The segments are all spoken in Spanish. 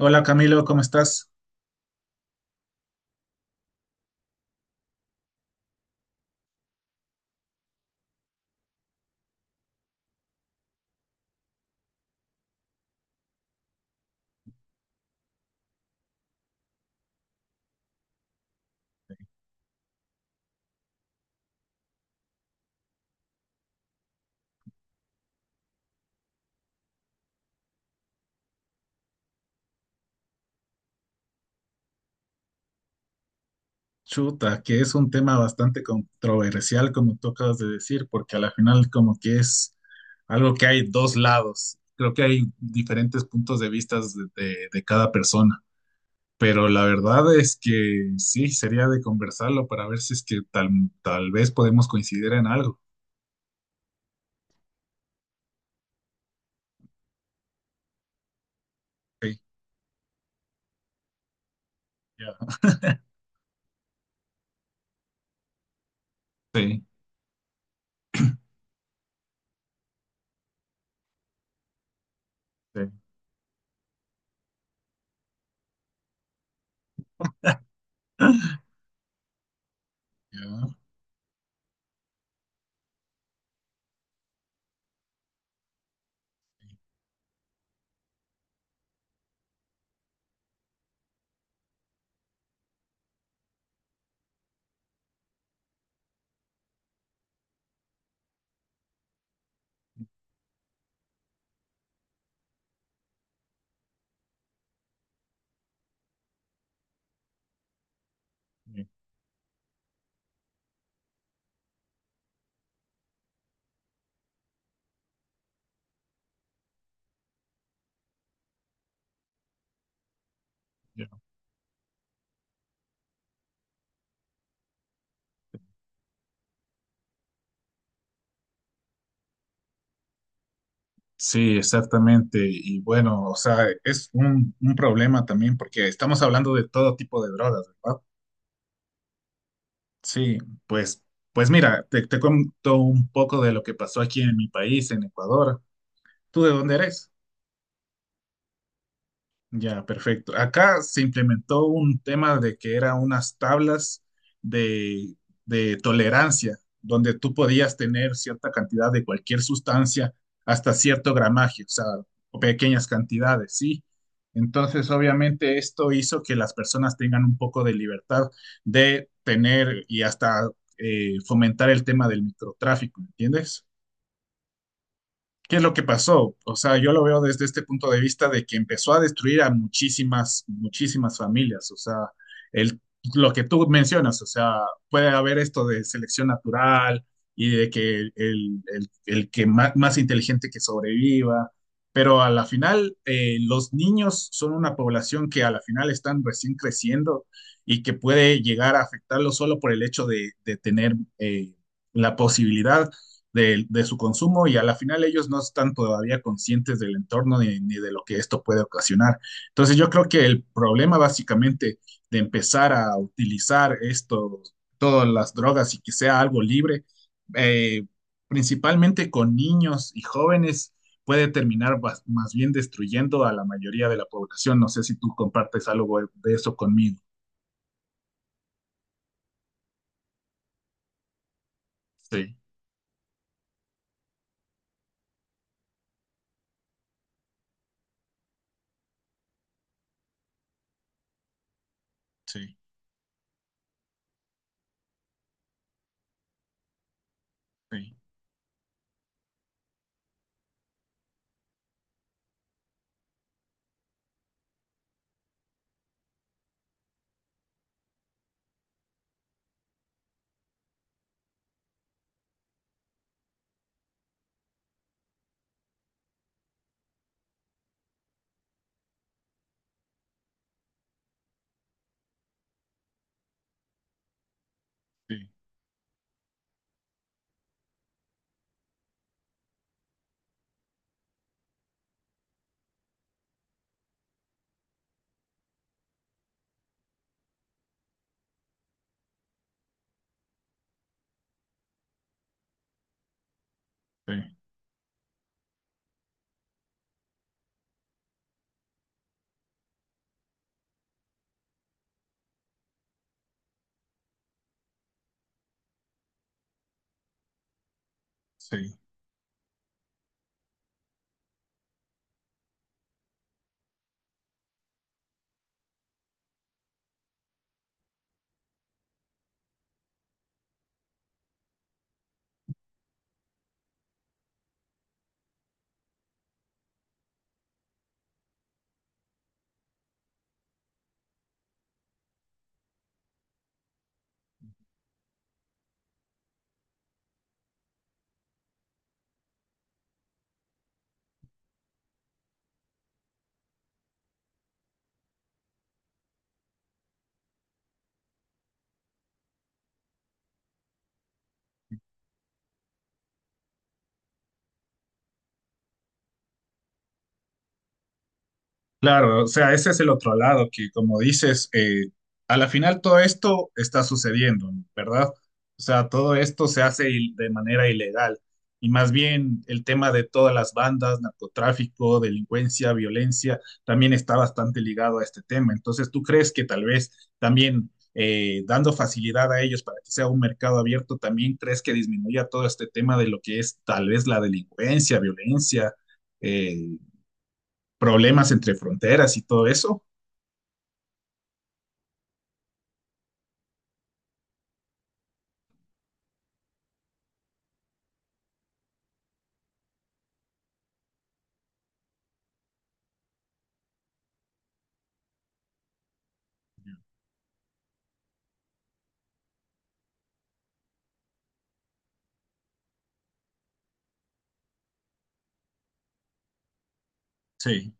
Hola Camilo, ¿cómo estás? Chuta, que es un tema bastante controversial, como tú acabas de decir, porque a la final como que es algo que hay dos lados. Creo que hay diferentes puntos de vistas de cada persona, pero la verdad es que sí, sería de conversarlo para ver si es que tal vez podemos coincidir en algo. Ok, ya, sí, sí, ya, sí, exactamente. Y bueno, o sea, es un problema también porque estamos hablando de todo tipo de drogas, ¿verdad? Sí, pues, pues mira, te cuento un poco de lo que pasó aquí en mi país, en Ecuador. ¿Tú de dónde eres? Ya, perfecto. Acá se implementó un tema de que eran unas tablas de, de tolerancia, donde tú podías tener cierta cantidad de cualquier sustancia hasta cierto gramaje, o sea, o pequeñas cantidades, ¿sí? Entonces, obviamente, esto hizo que las personas tengan un poco de libertad de tener y hasta fomentar el tema del microtráfico, ¿entiendes? ¿Qué es lo que pasó? O sea, yo lo veo desde este punto de vista de que empezó a destruir a muchísimas, muchísimas familias. O sea, el, lo que tú mencionas, o sea, puede haber esto de selección natural y de que el que más inteligente que sobreviva, pero a la final los niños son una población que a la final están recién creciendo y que puede llegar a afectarlo solo por el hecho de tener la posibilidad su consumo y a la final ellos no están todavía conscientes del entorno ni, ni, de lo que esto puede ocasionar. Entonces yo creo que el problema básicamente de empezar a utilizar esto, todas las drogas y que sea algo libre, eh, principalmente con niños y jóvenes, puede terminar más bien destruyendo a la mayoría de la población. No sé si tú compartes algo de eso conmigo. Sí, sí, sí, sí, sí. Sí. Claro, o sea, ese es el otro lado que, como dices, a la final todo esto está sucediendo, ¿verdad? O sea, todo esto de manera ilegal. Y más bien el tema de todas las bandas, narcotráfico, delincuencia, violencia, también está bastante ligado a este tema. Entonces, ¿tú crees que tal vez también dando facilidad a ellos para que sea un mercado abierto, también crees que disminuya todo este tema de lo que es tal vez la delincuencia, violencia? eh, problemas entre fronteras y todo eso. Sí,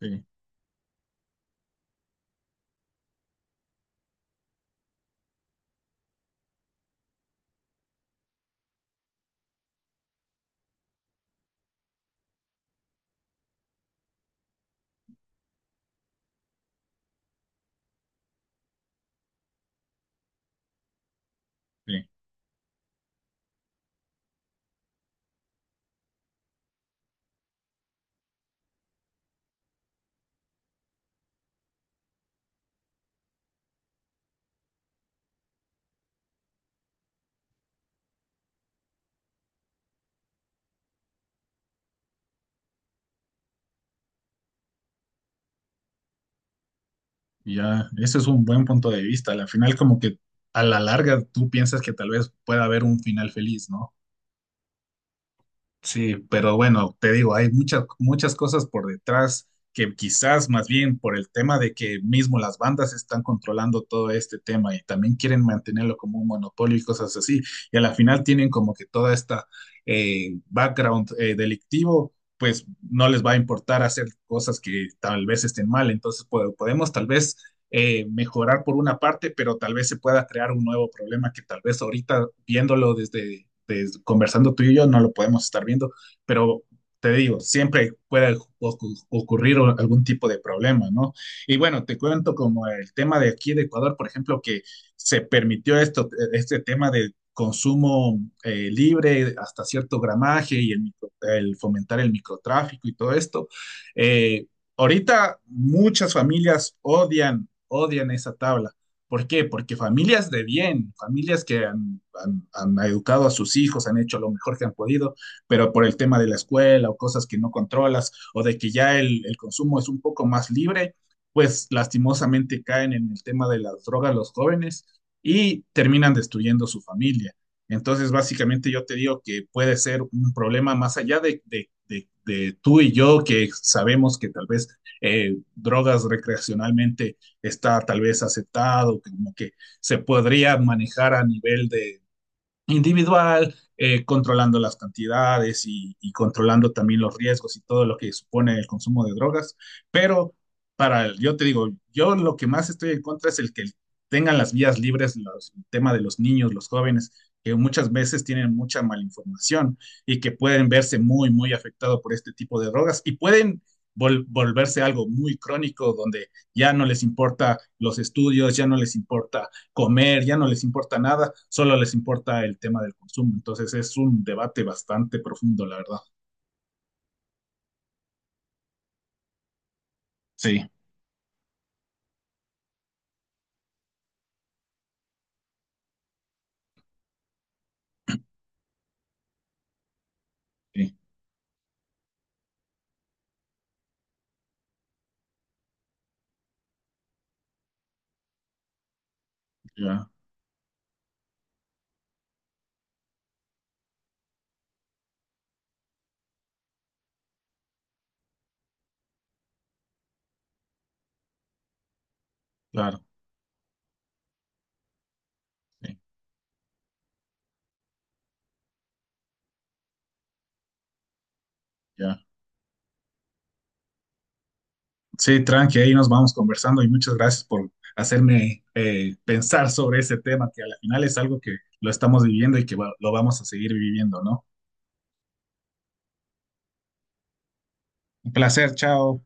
sí, sí. Y ya, ese es un buen punto de vista. Al final, como que a la larga tú piensas que tal vez pueda haber un final feliz, ¿no? Sí, pero bueno, te digo, hay muchas, muchas cosas por detrás que quizás más bien por el tema de que mismo las bandas están controlando todo este tema y también quieren mantenerlo como un monopolio y cosas así. Y a la final tienen como que toda esta background delictivo, pues no les va a importar hacer cosas que tal vez estén mal. Entonces podemos tal vez mejorar por una parte, pero tal vez se pueda crear un nuevo problema que tal vez ahorita viéndolo desde pues, conversando tú y yo, no lo podemos estar viendo, pero te digo, siempre puede ocurrir algún tipo de problema, ¿no? Y bueno, te cuento como el tema de aquí de Ecuador, por ejemplo, que se permitió esto, este tema de consumo libre hasta cierto gramaje y fomentar el microtráfico y todo esto. Eh, ahorita muchas familias odian, odian esa tabla. ¿Por qué? Porque familias de bien, familias que han educado a sus hijos, han hecho lo mejor que han podido, pero por el tema de la escuela o cosas que no controlas o de que ya el consumo es un poco más libre, pues lastimosamente caen en el tema de las drogas los jóvenes y terminan destruyendo su familia. Entonces, básicamente yo te digo que puede ser un problema más allá de tú y yo que sabemos que tal vez drogas recreacionalmente está tal vez aceptado, que como que se podría manejar a nivel de, individual, controlando las cantidades y controlando también los riesgos y todo lo que supone el consumo de drogas. Pero para, yo te digo, yo lo que más estoy en contra es el que tengan las vías libres, el tema de los niños, los jóvenes, que muchas veces tienen mucha malinformación y que pueden verse muy, muy afectados por este tipo de drogas y pueden volverse algo muy crónico donde ya no les importa los estudios, ya no les importa comer, ya no les importa nada, solo les importa el tema del consumo. Entonces es un debate bastante profundo, la verdad. Sí, sí, ya, claro, sí, ya. Sí, tranqui, ahí nos vamos conversando y muchas gracias por hacerme pensar sobre ese tema, que al final es algo que lo estamos viviendo y que lo vamos a seguir viviendo, ¿no? Un placer, chao.